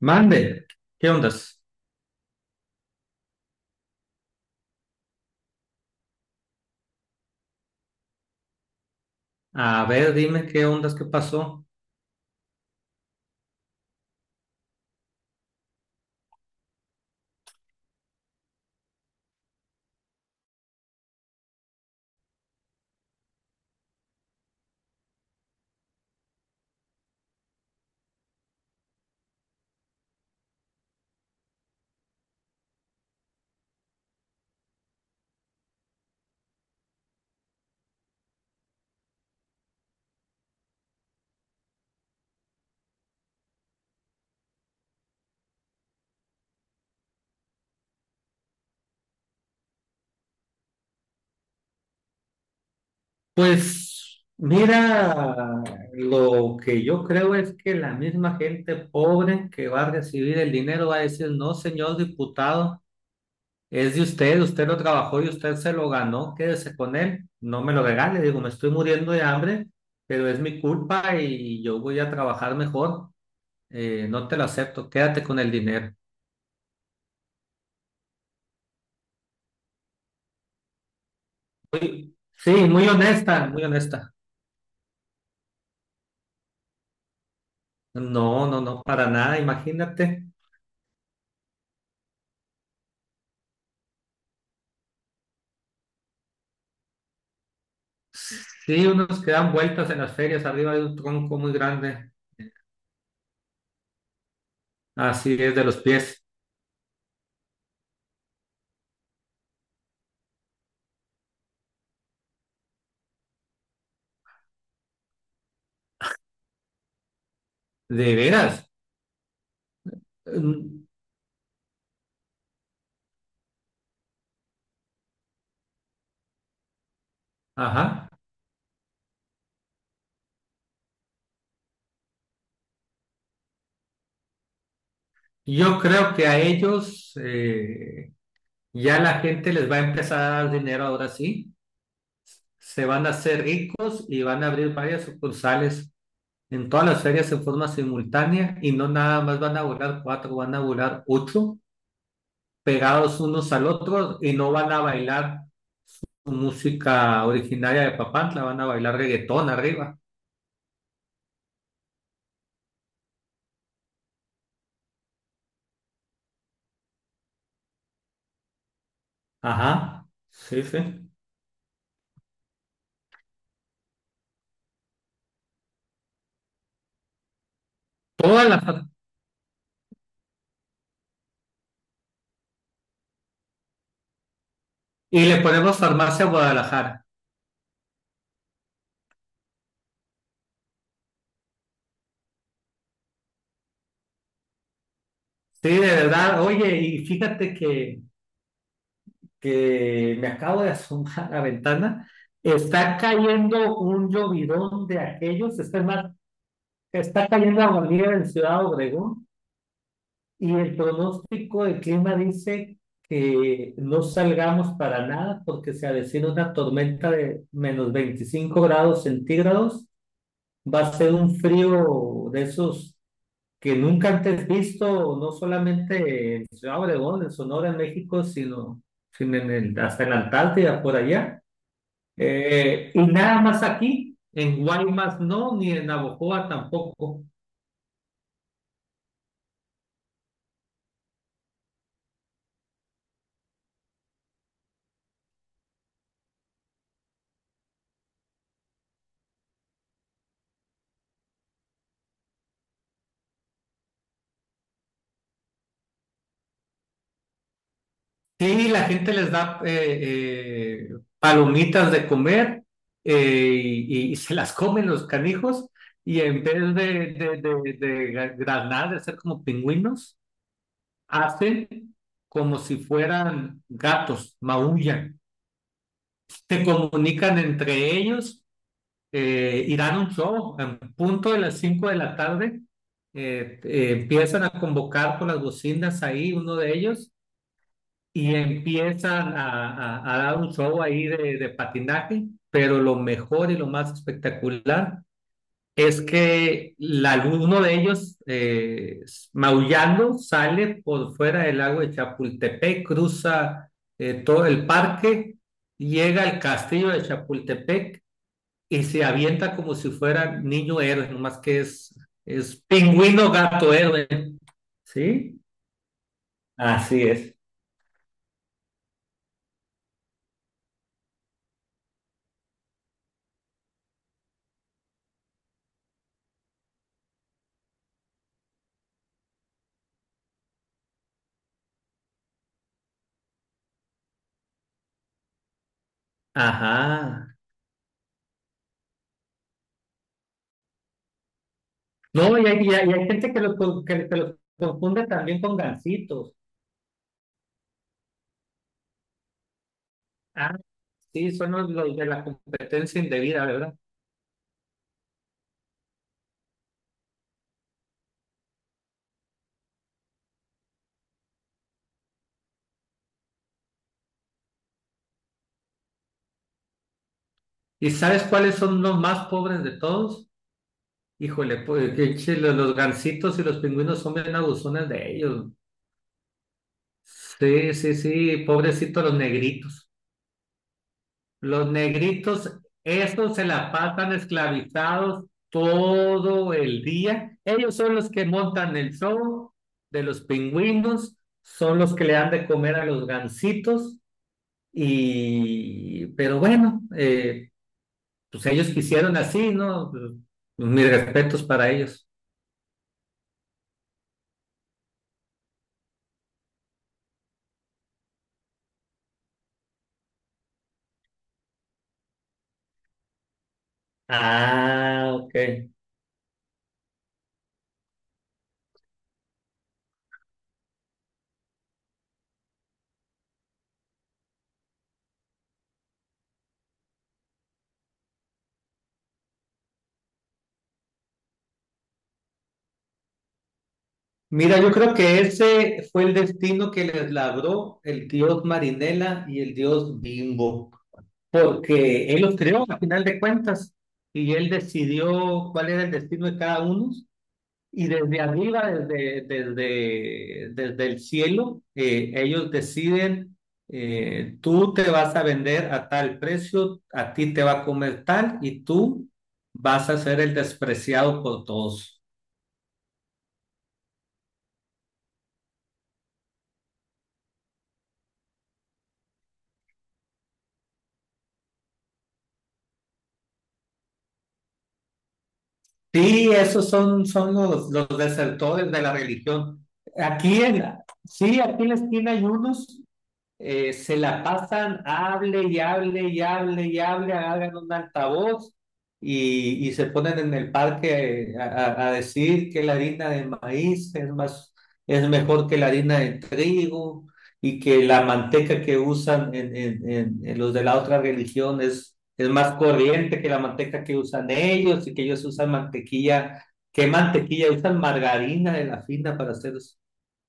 Mande, ¿qué ondas? A ver, dime qué ondas, qué pasó. Pues mira, lo que yo creo es que la misma gente pobre que va a recibir el dinero va a decir, no, señor diputado, es de usted, usted lo trabajó y usted se lo ganó, quédese con él, no me lo regale, digo, me estoy muriendo de hambre, pero es mi culpa y yo voy a trabajar mejor. No te lo acepto, quédate con el dinero. Sí, muy honesta, muy honesta. No, no, no, para nada, imagínate. Sí, unos que dan vueltas en las ferias arriba de un tronco muy grande, así es de los pies, de veras. Mm, ajá. Yo creo que a ellos ya la gente les va a empezar a dar dinero ahora sí. Se van a hacer ricos y van a abrir varias sucursales en todas las ferias en forma simultánea y no nada más van a volar cuatro, van a volar ocho, pegados unos al otro y no van a bailar música originaria de Papantla, van a bailar reggaetón arriba. Ajá, sí, sí. Todas las... Y le ponemos Farmacia Guadalajara. Sí, de verdad. Oye, y fíjate que me acabo de asomar a la ventana. Está cayendo un llovidón de aquellos. Más, está cayendo aguanieve en Ciudad Obregón. Y el pronóstico del clima dice que no salgamos para nada porque se avecina una tormenta de menos 25 grados centígrados. Va a ser un frío de esos que nunca antes visto, no solamente en Ciudad Obregón, en Sonora, en México, sino hasta en la Antártida, por allá. Y nada más aquí, en Guaymas no, ni en Navojoa tampoco. Sí, la gente les da palomitas de comer eh, y se las comen los canijos y en vez de granar, de ser como pingüinos, hacen como si fueran gatos, maullan, se comunican entre ellos y dan un show. En punto de las 5 de la tarde empiezan a convocar por las bocinas ahí, uno de ellos y empiezan a dar un show ahí de patinaje, pero lo mejor y lo más espectacular es que uno de ellos, maullando, sale por fuera del lago de Chapultepec, cruza todo el parque, llega al castillo de Chapultepec y se avienta como si fuera niño héroe, nomás que es pingüino gato héroe, ¿sí? Así es. Ajá. No, y hay gente que los confunde también con gansitos. Ah, sí, son los de la competencia indebida, ¿verdad? ¿Y sabes cuáles son los más pobres de todos? Híjole, pues que che, los gansitos y los pingüinos son bien abusones de ellos. Sí, sí, sí, pobrecitos los negritos. Los negritos, esos se la pasan esclavizados todo el día. Ellos son los que montan el show de los pingüinos, son los que le dan de comer a los gansitos. Pero bueno, pues ellos quisieron así, ¿no? Mis respetos para ellos. Ah, ok. Mira, yo creo que ese fue el destino que les labró el dios Marinela y el dios Bimbo, porque él los creó a final de cuentas y él decidió cuál era el destino de cada uno y desde arriba, desde el cielo, ellos deciden, tú te vas a vender a tal precio, a ti te va a comer tal y tú vas a ser el despreciado por todos. Sí, esos son los desertores de la religión. Aquí en, sí, aquí en la esquina hay unos. Se la pasan, hable y hable y hable y hable, hagan un altavoz y se ponen en el parque decir que la harina de maíz es mejor que la harina de trigo y que la manteca que usan en los de la otra religión es más corriente que la manteca que usan ellos y que ellos usan mantequilla. ¿Qué mantequilla? Usan margarina de la fina para hacer eso.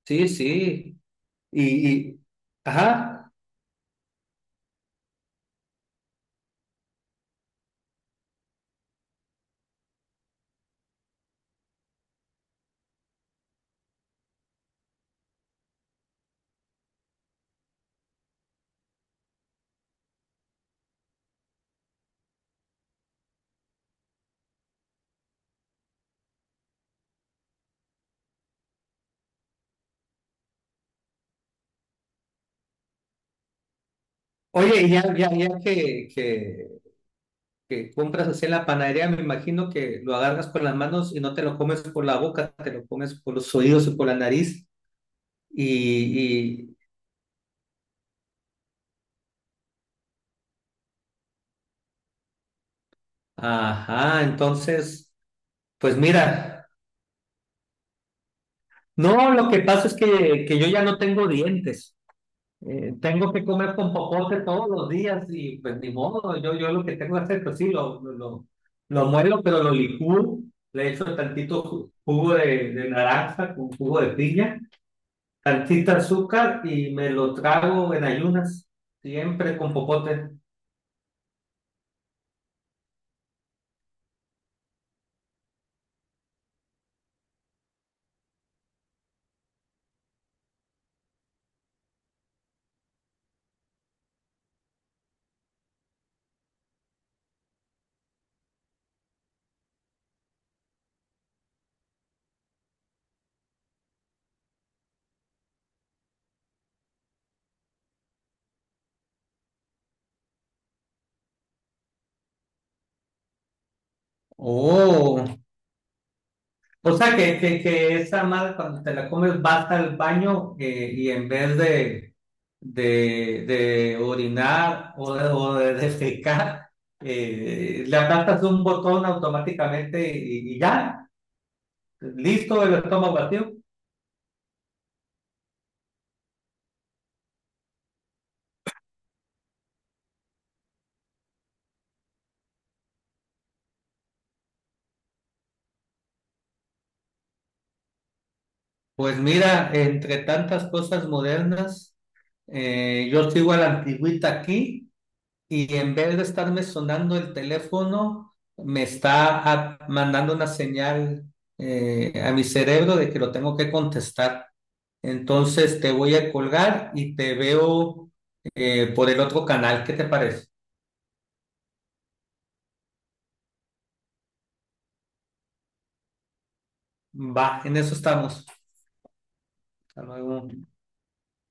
Sí, sí. Y, y, ajá. Oye, y ya que compras así en la panadería, me imagino que lo agarras con las manos y no te lo comes por la boca, te lo comes por los oídos y por la nariz. Y, y- ajá, entonces, pues mira, no, lo que pasa es que yo ya no tengo dientes. Tengo que comer con popote todos los días y pues ni modo, yo lo que tengo que hacer, pues sí, lo muelo, pero lo licúo, le echo tantito jugo de naranja con jugo de piña, salsita, azúcar y me lo trago en ayunas, siempre con popote. Oh, o sea que esa madre cuando te la comes vas al baño y en vez de orinar o de defecar, le aplastas un botón automáticamente y ya, listo el estómago vacío. Pues mira, entre tantas cosas modernas, yo sigo a la antigüita aquí y en vez de estarme sonando el teléfono, me está mandando una señal a mi cerebro de que lo tengo que contestar. Entonces te voy a colgar y te veo por el otro canal. ¿Qué te parece? Va, en eso estamos. Hasta luego.